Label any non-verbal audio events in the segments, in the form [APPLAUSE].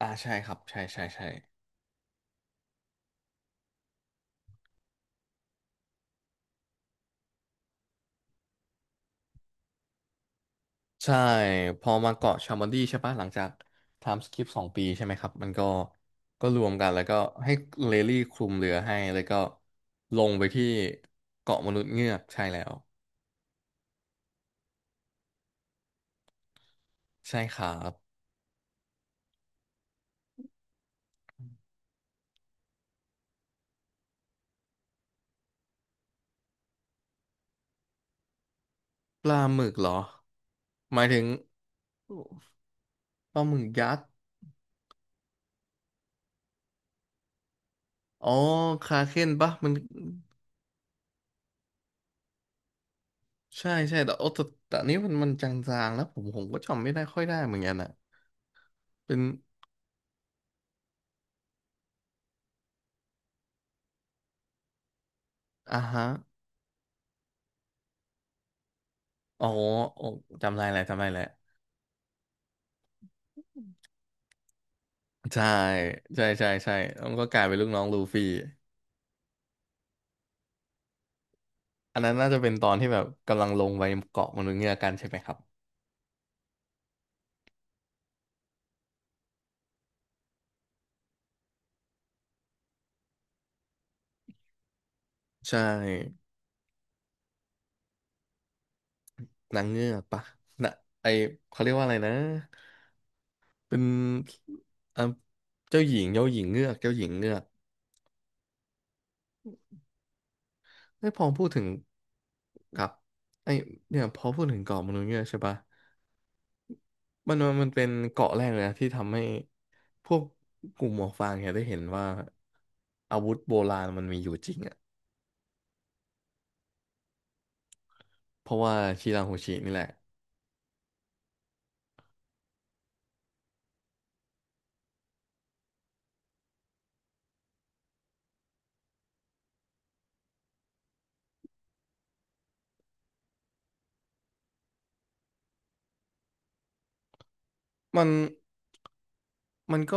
ใช่ครับใช่พอมาเกาะชามันดี้ใช่ปะหลังจากไทม์สคิปสองปีใช่ไหมครับมันก็รวมกันแล้วก็ให้เลลี่คลุมเรือให้แล้วก็ลงไปที่เกาะมนุษย์เงือกใช่แล้วใช่ครับปลาหมึกเหรอหมายถึงปลาหมึกยักษ์อ๋อคาเคนปะมันใช่ใช่แต่โอ้แต่อันนี้มันจางๆแล้วผมก็จำไม่ได้ค่อยได้เหมือนกันอ่ะเป็นอ่าฮะอ๋อโอ้จำได้แล้วจำได้แล้ว ใช่ใช่แล้วมันก็กลายเป็นลูกน้องลูฟี่อันนั้นน่าจะเป็นตอนที่แบบกำลังลงไปเกาะมนุษย์เงือกกันใช่ไหมครับใช่นางเงือกปะนะไอเขาเรียกว่าอะไรนะเป็นเอ่ะเจ้าหญิงเจ้าหญิงเงือกเจ้าหญิงเงือกไอยพอพูดถึงครับไอเนี่ยพอพูดถึงเกาะมนุษย์เงือกใช่ปะมันเป็นเกาะแรกเลยนะที่ทำให้พวกกลุ่มหมวกฟางเนี่ยได้เห็นว่าอาวุธโบราณมันมีอยู่จริงอะ เพราะว่าคีราโฮชินี่แหละมันมันก็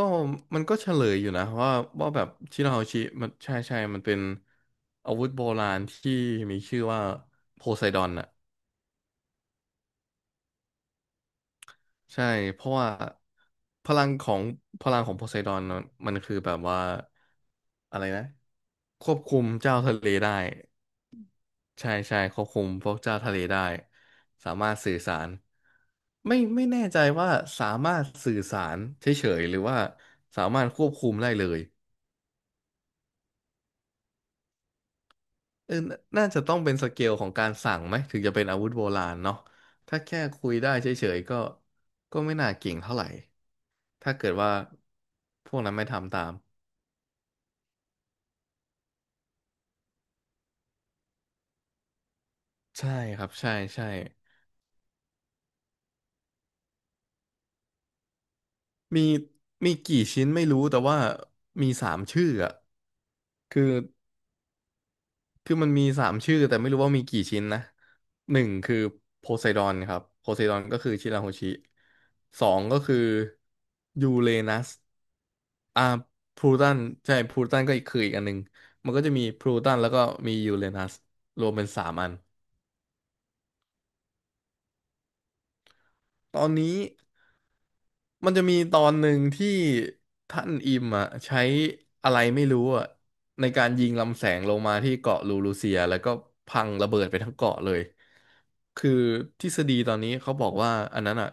มันก็เฉลยอยู่นะว่าว่าแบบชีราโฮชิมันใช่ใช่มันเป็นอาวุธโบราณที่มีชื่อว่าโพไซดอนอ่ะใช่เพราะว่าพลังของพลังของโพไซดอนน่ะมันคือแบบว่าอะไรนะควบคุมเจ้าทะเลได้ ใช่ใช่ควบคุมพวกเจ้าทะเลได้สามารถสื่อสารไม่แน่ใจว่าสามารถสื่อสารเฉยๆหรือว่าสามารถควบคุมได้เลยเออน่าจะต้องเป็นสเกลของการสั่งไหมถึงจะเป็นอาวุธโบราณเนาะถ้าแค่คุยได้เฉยๆก็ไม่น่าเก่งเท่าไหร่ถ้าเกิดว่าพวกนั้นไม่ทำตามใช่ครับใช่ใช่มีมีกี่ชิ้นไม่รู้แต่ว่ามีสามชื่ออะคือ คือมันมีสามชื่อแต่ไม่รู้ว่ามีกี่ชิ้นนะหนึ่งคือโพไซดอนครับโพไซดอนก็คือชิราโฮชิสองก็คือยูเรนัสอ่าพลูตันใช่พลูตันก็อีกคืออีกอันหนึ่งมันก็จะมีพลูตันแล้วก็มียูเรนัสรวมเป็นสามอัน ตอนนี้มันจะมีตอนหนึ่งที่ท่านอิมอ่ะใช้อะไรไม่รู้อ่ะในการยิงลำแสงลงมาที่เกาะลูรูเซียแล้วก็พังระเบิดไปทั้งเกาะเลยคือทฤษฎีตอนนี้เขาบอกว่าอันนั้นอ่ะ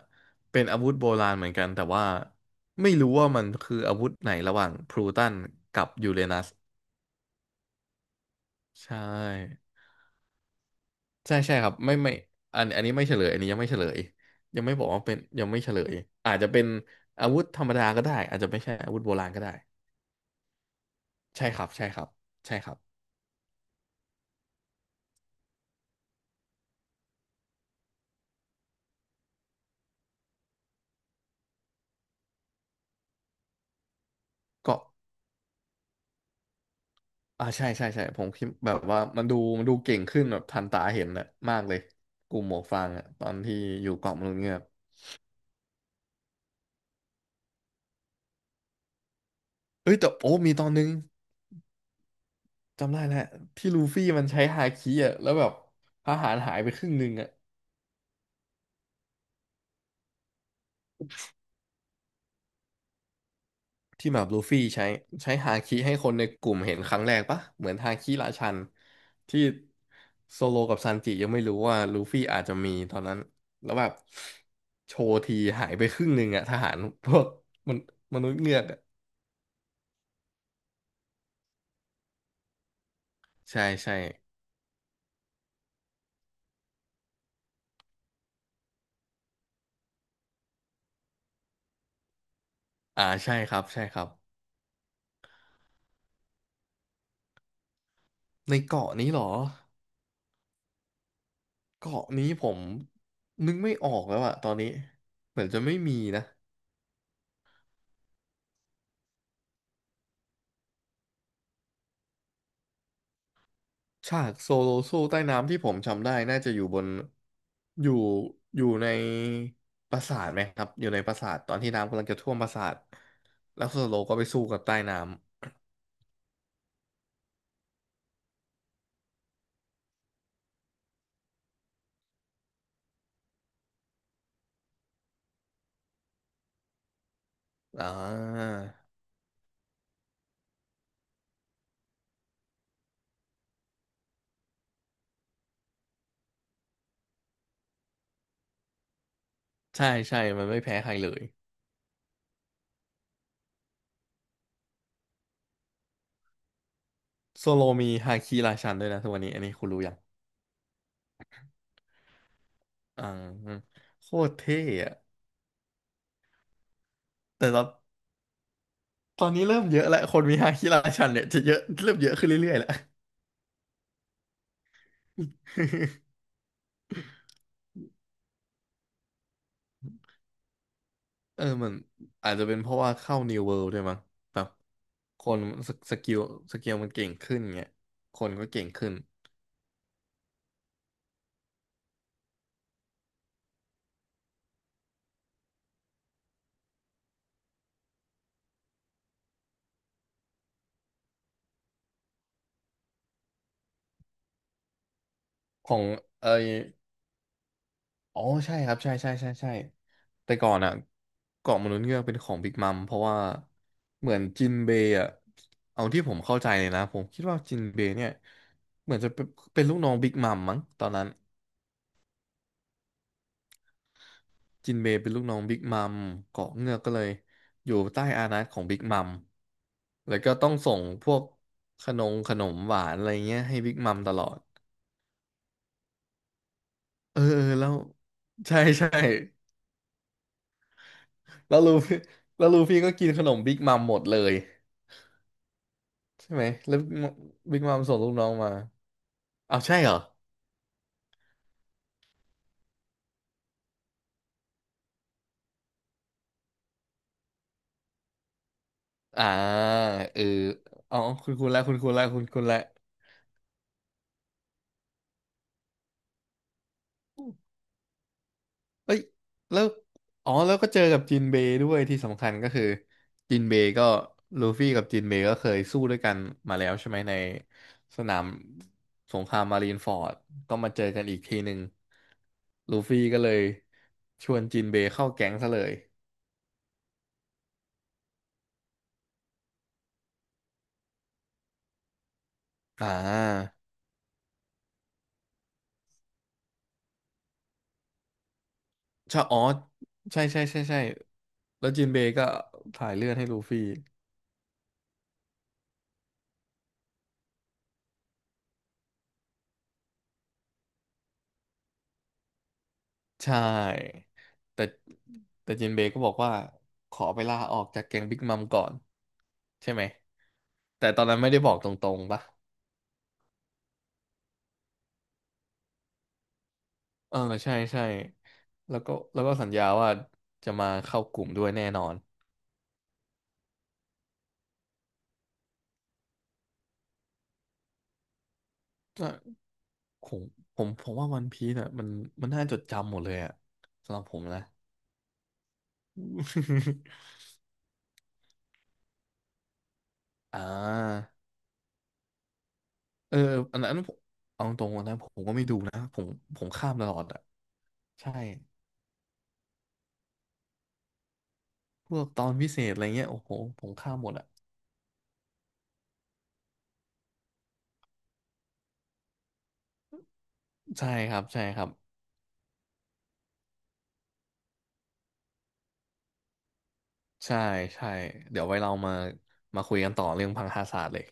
เป็นอาวุธโบราณเหมือนกันแต่ว่าไม่รู้ว่ามันคืออาวุธไหนระหว่างพลูตันกับยูเรนัสใช่ ใช่ใช่ครับไม่ไม่อันนี้ไม่เฉลยอันนี้ยังไม่เฉลยยังไม่บอกว่าเป็นยังไม่เฉลยอาจจะเป็นอาวุธธรรมดาก็ได้อาจจะไม่ใช่อาวุธโบราณก็ได้ใช่ครับใช่ครับใช่ครับก็ใช่ผมคิดแบบว่ามันดูเก่งขึ้นแบบทันตาเห็นนะมากเลยกลุ่มหมวกฟางอะตอนที่อยู่เกาะมนุษย์เงือกเอ้ยแต่โอ้มีตอนนึงจำได้แล้วที่ลูฟี่มันใช้ฮาคิอะแล้วแบบทหารหายไปครึ่งหนึงอะ ที่แบบลูฟี่ใช้ฮาคิให้คนในกลุ่มเห็นครั้งแรกปะเหมือนฮาคิราชันที่โซโลกับซันจิยังไม่รู้ว่าลูฟี่อาจจะมีตอนนั้นแล้วแบบโชว์ทีหายไปครึ่งหนึ่งอะทหารพวกมันมนุษย์เงือกอะใช่ใช่ใช่ครับใช่ครับในเกาะนี้เหรอเกาะนี้ผมนึกไม่ออกแล้วอะตอนนี้เหมือนจะไม่มีนะ ฉากโซโลสู้ใต้น้ำที่ผมจำได้น่าจะอยู่บนอยู่อยู่ในปราสาทไหมครับอยู่ในปราสาทตอนที่น้ำกำลังจะท่วมปราสาทแล้วโซโลก็ไปสู้กับใต้น้ำใช่ใช่มันไม่แพ้ใครเลยโซโลมีฮาคิราชันด้วยนะทุกวันนี้อันนี้คุณรู้ยังอ่าโคตรเท่อะแต่ตอนตอนนี้เริ่มเยอะแล้วคนมีฮาคิราชันเนี่ยจะเยอะเริ่มเยอะขึ้นเรื่อยๆแล้ว เออมันอาจจะเป็นเพราะว่าเข้า New World ด้วยมั้งแบบคนสสกิลสกิลมันเก่งขึ้นเงี้ยคนก็เก่งขึ้นของเอออ๋อใช่ครับใช่แต่ก่อนอ่ะเกาะมนุษย์เงือกเป็นของบิ๊กมัมเพราะว่าเหมือนจินเบย์อ่ะเอาที่ผมเข้าใจเลยนะผมคิดว่าจินเบย์เนี่ยเหมือนจะเป็นเป็นลูกน้องบิ๊กมัมมั้งตอนนั้น จินเบย์เป็นลูกน้องบิ๊กมัมเกาะเงือกก็เลยอยู่ใต้อานัตของบิ๊กมัมแล้วก็ต้องส่งพวกขนมขนมหวานอะไรเงี้ยให้บิ๊กมัมตลอดเออเออแล้วใช่ใช่แล้วลูฟี่แล้วลูฟี่ก็กินขนมบิ๊กมัมหมดเลยใช่ไหมแล้วบิ๊กมัมส่งลูกน้องมาเอาใช่เหรออ่าเอออ๋อาคุณคุณแล้วคุณคุณแล้วคุณคุณแล้ว เอ้ยแล้วอ๋อแล้วก็เจอกับจินเบย์ด้วยที่สำคัญก็คือจินเบย์ก็ลูฟี่กับจินเบย์ก็เคยสู้ด้วยกันมาแล้วใช่ไหมในสนามสงครามมารีนฟอร์ดก็มาเจอกันอีกทีหนึ่งลูฟี่ก็เลยชวนจินเบย์เข้าแก๊งซะเลยอ่าใช่อ๋อใช่แล้วจินเบย์ก็ถ่ายเลือดให้ลูฟี่ ใช่ แต่แต่จินเบย์ก็บอกว่าขอไปลาออกจากแก๊งบิ๊กมัมก่อนใช่ไหม แต่ตอนนั้นไม่ได้บอกตรงๆปะเออใช่ใช่แล้วก็สัญญาว่าจะมาเข้ากลุ่มด้วยแน่นอนก็ผมผมว่าวันพีซอ่ะมันมันน่าจดจำหมดเลยอ่ะสำหรับผมนะ [LAUGHS] อ่าเอออันนั้นผมเอาตรงๆนะผมก็ไม่ดูนะผมข้ามตลอดอ่ะใช่ พวกตอนพิเศษอะไรเงี้ยโอ้โหผมข้ามหมดอ่ะ ใช่ครับใช่ครับใช่ใช่เดี๋ยวไว้เรามาคุยกันต่อเรื่องพังคาศาสตร์เลย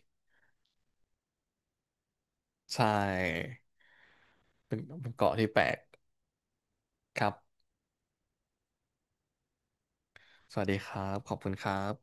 ใช่เป็นเกาะที่แปลกครับสวัสดีครับขอบคุณครับ